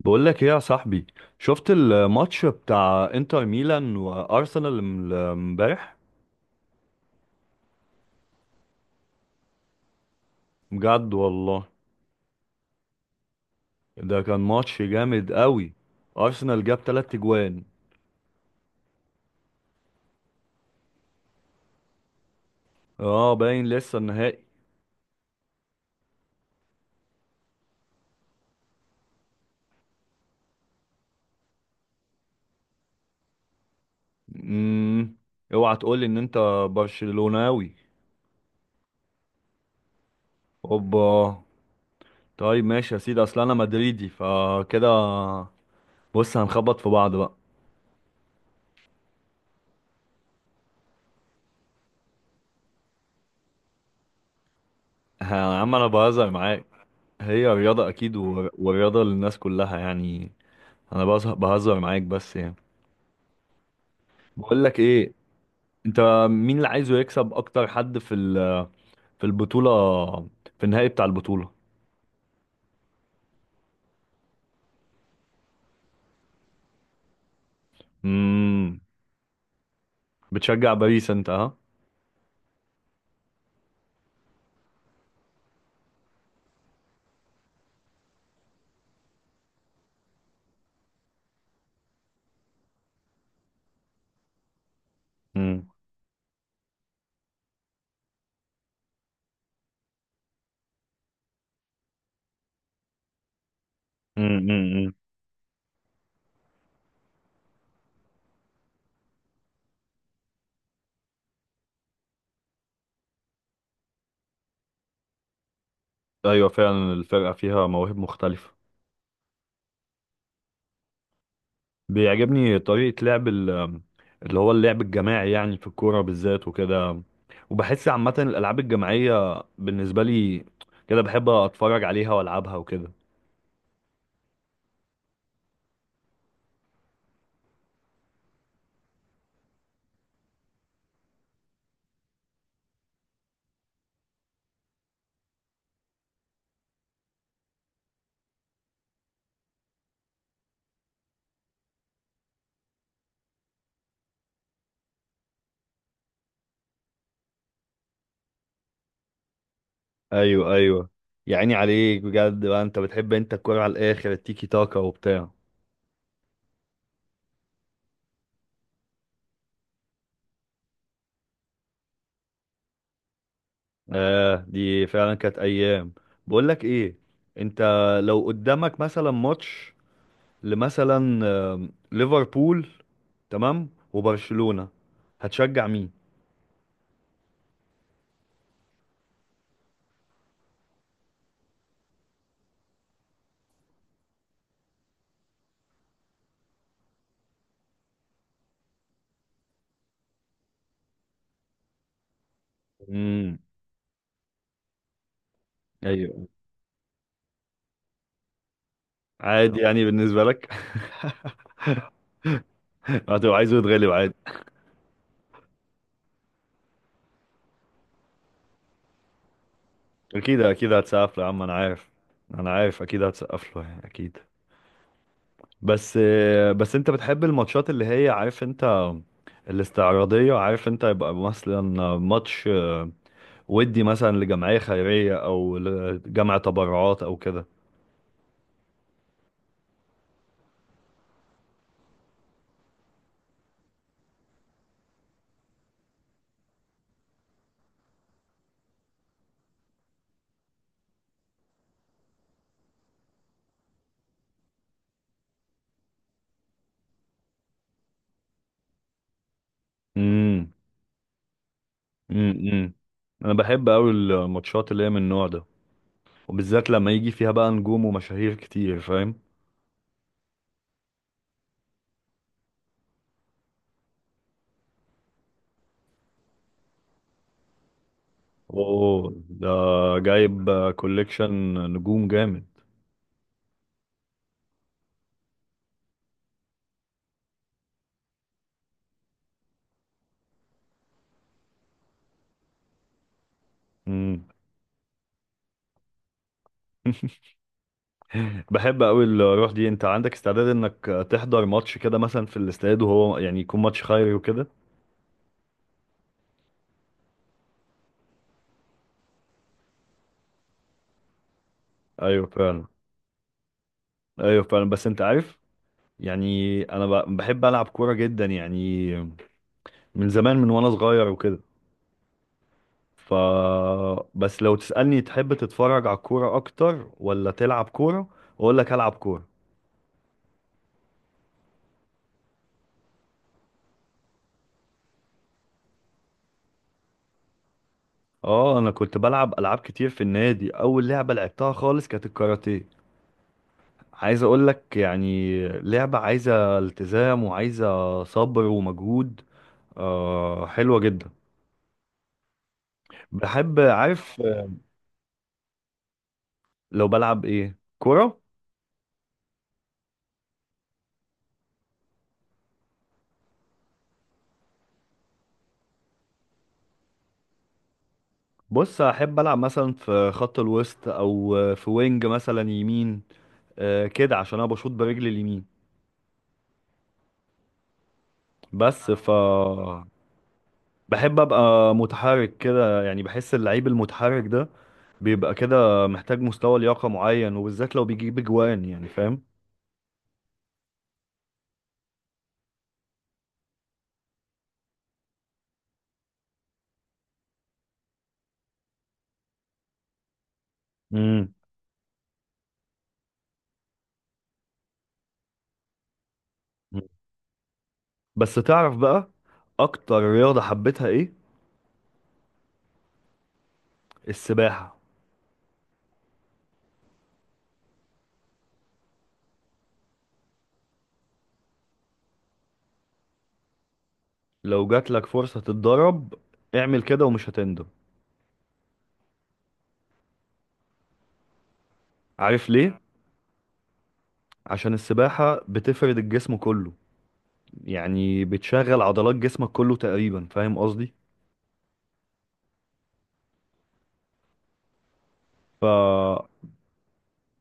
بقول لك ايه يا صاحبي. شفت الماتش بتاع انتر ميلان وارسنال امبارح؟ بجد والله. ده كان ماتش جامد قوي. ارسنال جاب 3 جوان. اه باين لسه النهائي. امم اوعى تقول لي ان انت برشلوناوي؟ اوبا. طيب ماشي يا سيدي، اصل انا مدريدي فكده. بص هنخبط في بعض بقى. يا عم انا بهزر معاك. هي رياضة اكيد والرياضة للناس كلها يعني. انا بهزر معاك بس يعني. بقول لك ايه، انت، مين اللي عايزه يكسب اكتر حد في البطولة، في النهائي بتاع البطولة؟ امم بتشجع باريس انت، ها؟ امم امم امم ايوه فعلا، الفرقة فيها مواهب مختلفة. بيعجبني طريقة لعب اللي هو اللعب الجماعي يعني، في الكورة بالذات وكده. وبحس عامة الالعاب الجماعية بالنسبة لي كده بحب اتفرج عليها والعبها وكده. ايوه ايوه. يا عيني عليك بجد بقى، انت بتحب انت الكورة على الاخر، التيكي تاكا وبتاع. آه دي فعلا كانت ايام. بقول لك ايه، انت لو قدامك مثلا ماتش، لمثلا، ليفربول تمام وبرشلونة، هتشجع مين؟ امم. ايوه عادي يعني بالنسبة لك. هتبقى عايزه يتغلب عادي. اكيد اكيد هتسقف له يا عم، انا عارف. انا عارف اكيد هتسقف له يعني اكيد. بس بس انت بتحب الماتشات اللي هي عارف انت، الاستعراضية، عارف انت؟ يبقى مثلا ماتش ودي مثلا لجمعية خيرية او لجمع تبرعات او كده. امم امم. انا بحب قوي الماتشات اللي هي من النوع ده، وبالذات لما يجي فيها بقى نجوم ومشاهير كتير، فاهم؟ اوه ده جايب كوليكشن نجوم جامد. امم. بحب قوي الروح دي. انت عندك استعداد انك تحضر ماتش كده مثلا في الاستاد وهو يعني يكون ماتش خيري وكده؟ ايوه فعلا. ايوه فعلا، بس انت عارف يعني انا بحب العب كوره جدا يعني، من زمان من وانا صغير وكده. ف، بس لو تسألني تحب تتفرج على الكورة اكتر ولا تلعب كورة، اقول لك العب كورة. اه انا كنت بلعب العاب كتير في النادي. اول لعبة لعبتها خالص كانت الكاراتيه. عايز اقول لك يعني لعبة عايزة التزام وعايزة صبر ومجهود. آه حلوة جدا. بحب عارف، لو بلعب ايه كورة. بص احب العب مثلا في خط الوسط او في وينج مثلا يمين، كده عشان انا بشوط برجلي اليمين. بس ف، بحب ابقى متحرك كده يعني. بحس اللعيب المتحرك ده بيبقى كده محتاج مستوى لياقة معين، وبالذات لو بيجيب اجوان يعني، فاهم؟ امم. بس تعرف بقى اكتر رياضة حبيتها ايه؟ السباحة. لو جات لك فرصة تتدرب اعمل كده ومش هتندم. عارف ليه؟ عشان السباحة بتفرد الجسم كله، يعني بتشغل عضلات جسمك كله تقريبا، فاهم قصدي؟ ف،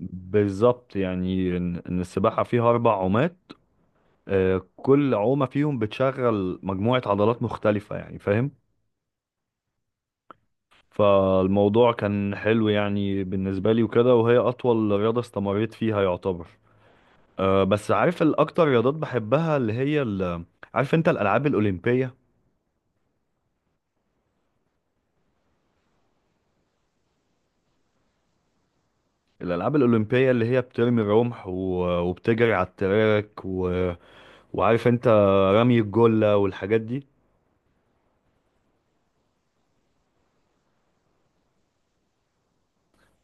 بالظبط، يعني إن السباحة فيها اربع عومات، كل عومة فيهم بتشغل مجموعة عضلات مختلفة يعني، فاهم؟ فالموضوع كان حلو يعني بالنسبة لي وكده، وهي اطول رياضة استمريت فيها يعتبر. بس عارف الاكتر رياضات بحبها اللي هي عارف انت الالعاب الاولمبية؟ الالعاب الاولمبية اللي هي بترمي الرمح وبتجري على التراك و... وعارف انت رمي الجلة والحاجات دي.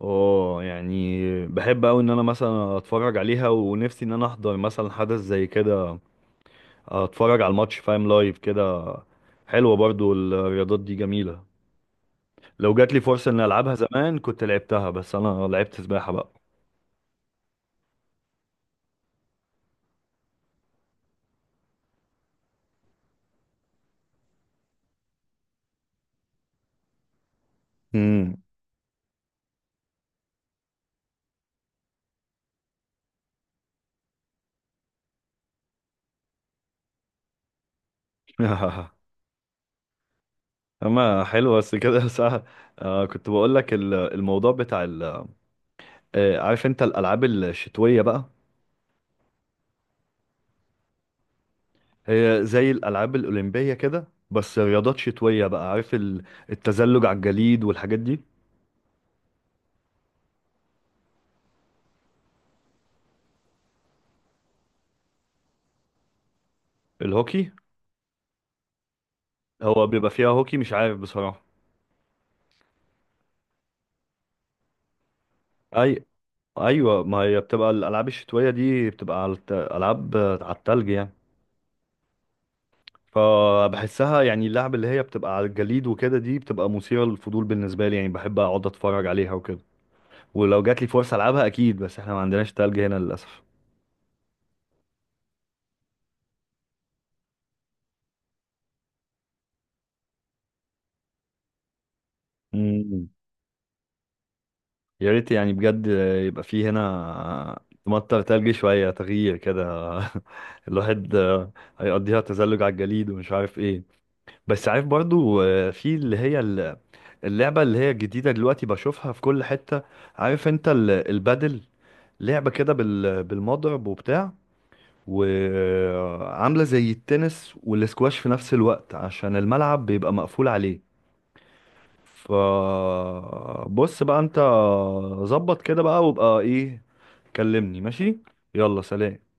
اه يعني بحب اوي ان انا مثلا اتفرج عليها، ونفسي ان انا احضر مثلا حدث زي كده، اتفرج على الماتش فاهم لايف كده. حلوة برضو الرياضات دي، جميلة. لو جات لي فرصة اني العبها زمان كنت لعبتها، بس انا لعبت سباحة بقى. امم. اما حلو بس كده ساعة. آه كنت بقول لك الموضوع بتاع ال، آه عارف انت الالعاب الشتوية بقى؟ هي زي الالعاب الاولمبية كده بس رياضات شتوية بقى، عارف التزلج على الجليد والحاجات دي. الهوكي. هو بيبقى فيها هوكي مش عارف بصراحة. اي، ايوه ما هي بتبقى الالعاب الشتوية دي بتبقى على العاب على التلج يعني. فبحسها يعني اللعب اللي هي بتبقى على الجليد وكده دي بتبقى مثيرة للفضول بالنسبة لي يعني، بحب اقعد اتفرج عليها وكده. ولو جات لي فرصة العبها اكيد، بس احنا ما عندناش تلج هنا للاسف. امم. يا ريت يعني بجد يبقى فيه هنا تمطر تلج، شوية تغيير كده. الواحد هيقضيها تزلج على الجليد ومش عارف ايه. بس عارف برضو في اللي هي اللعبة اللي هي الجديدة دلوقتي بشوفها في كل حتة، عارف انت البادل؟ لعبة كده بالمضرب وبتاع، وعاملة زي التنس والاسكواش في نفس الوقت عشان الملعب بيبقى مقفول عليه. فبص بقى انت، ظبط كده بقى وابقى ايه، كلمني ماشي؟ يلا سلام.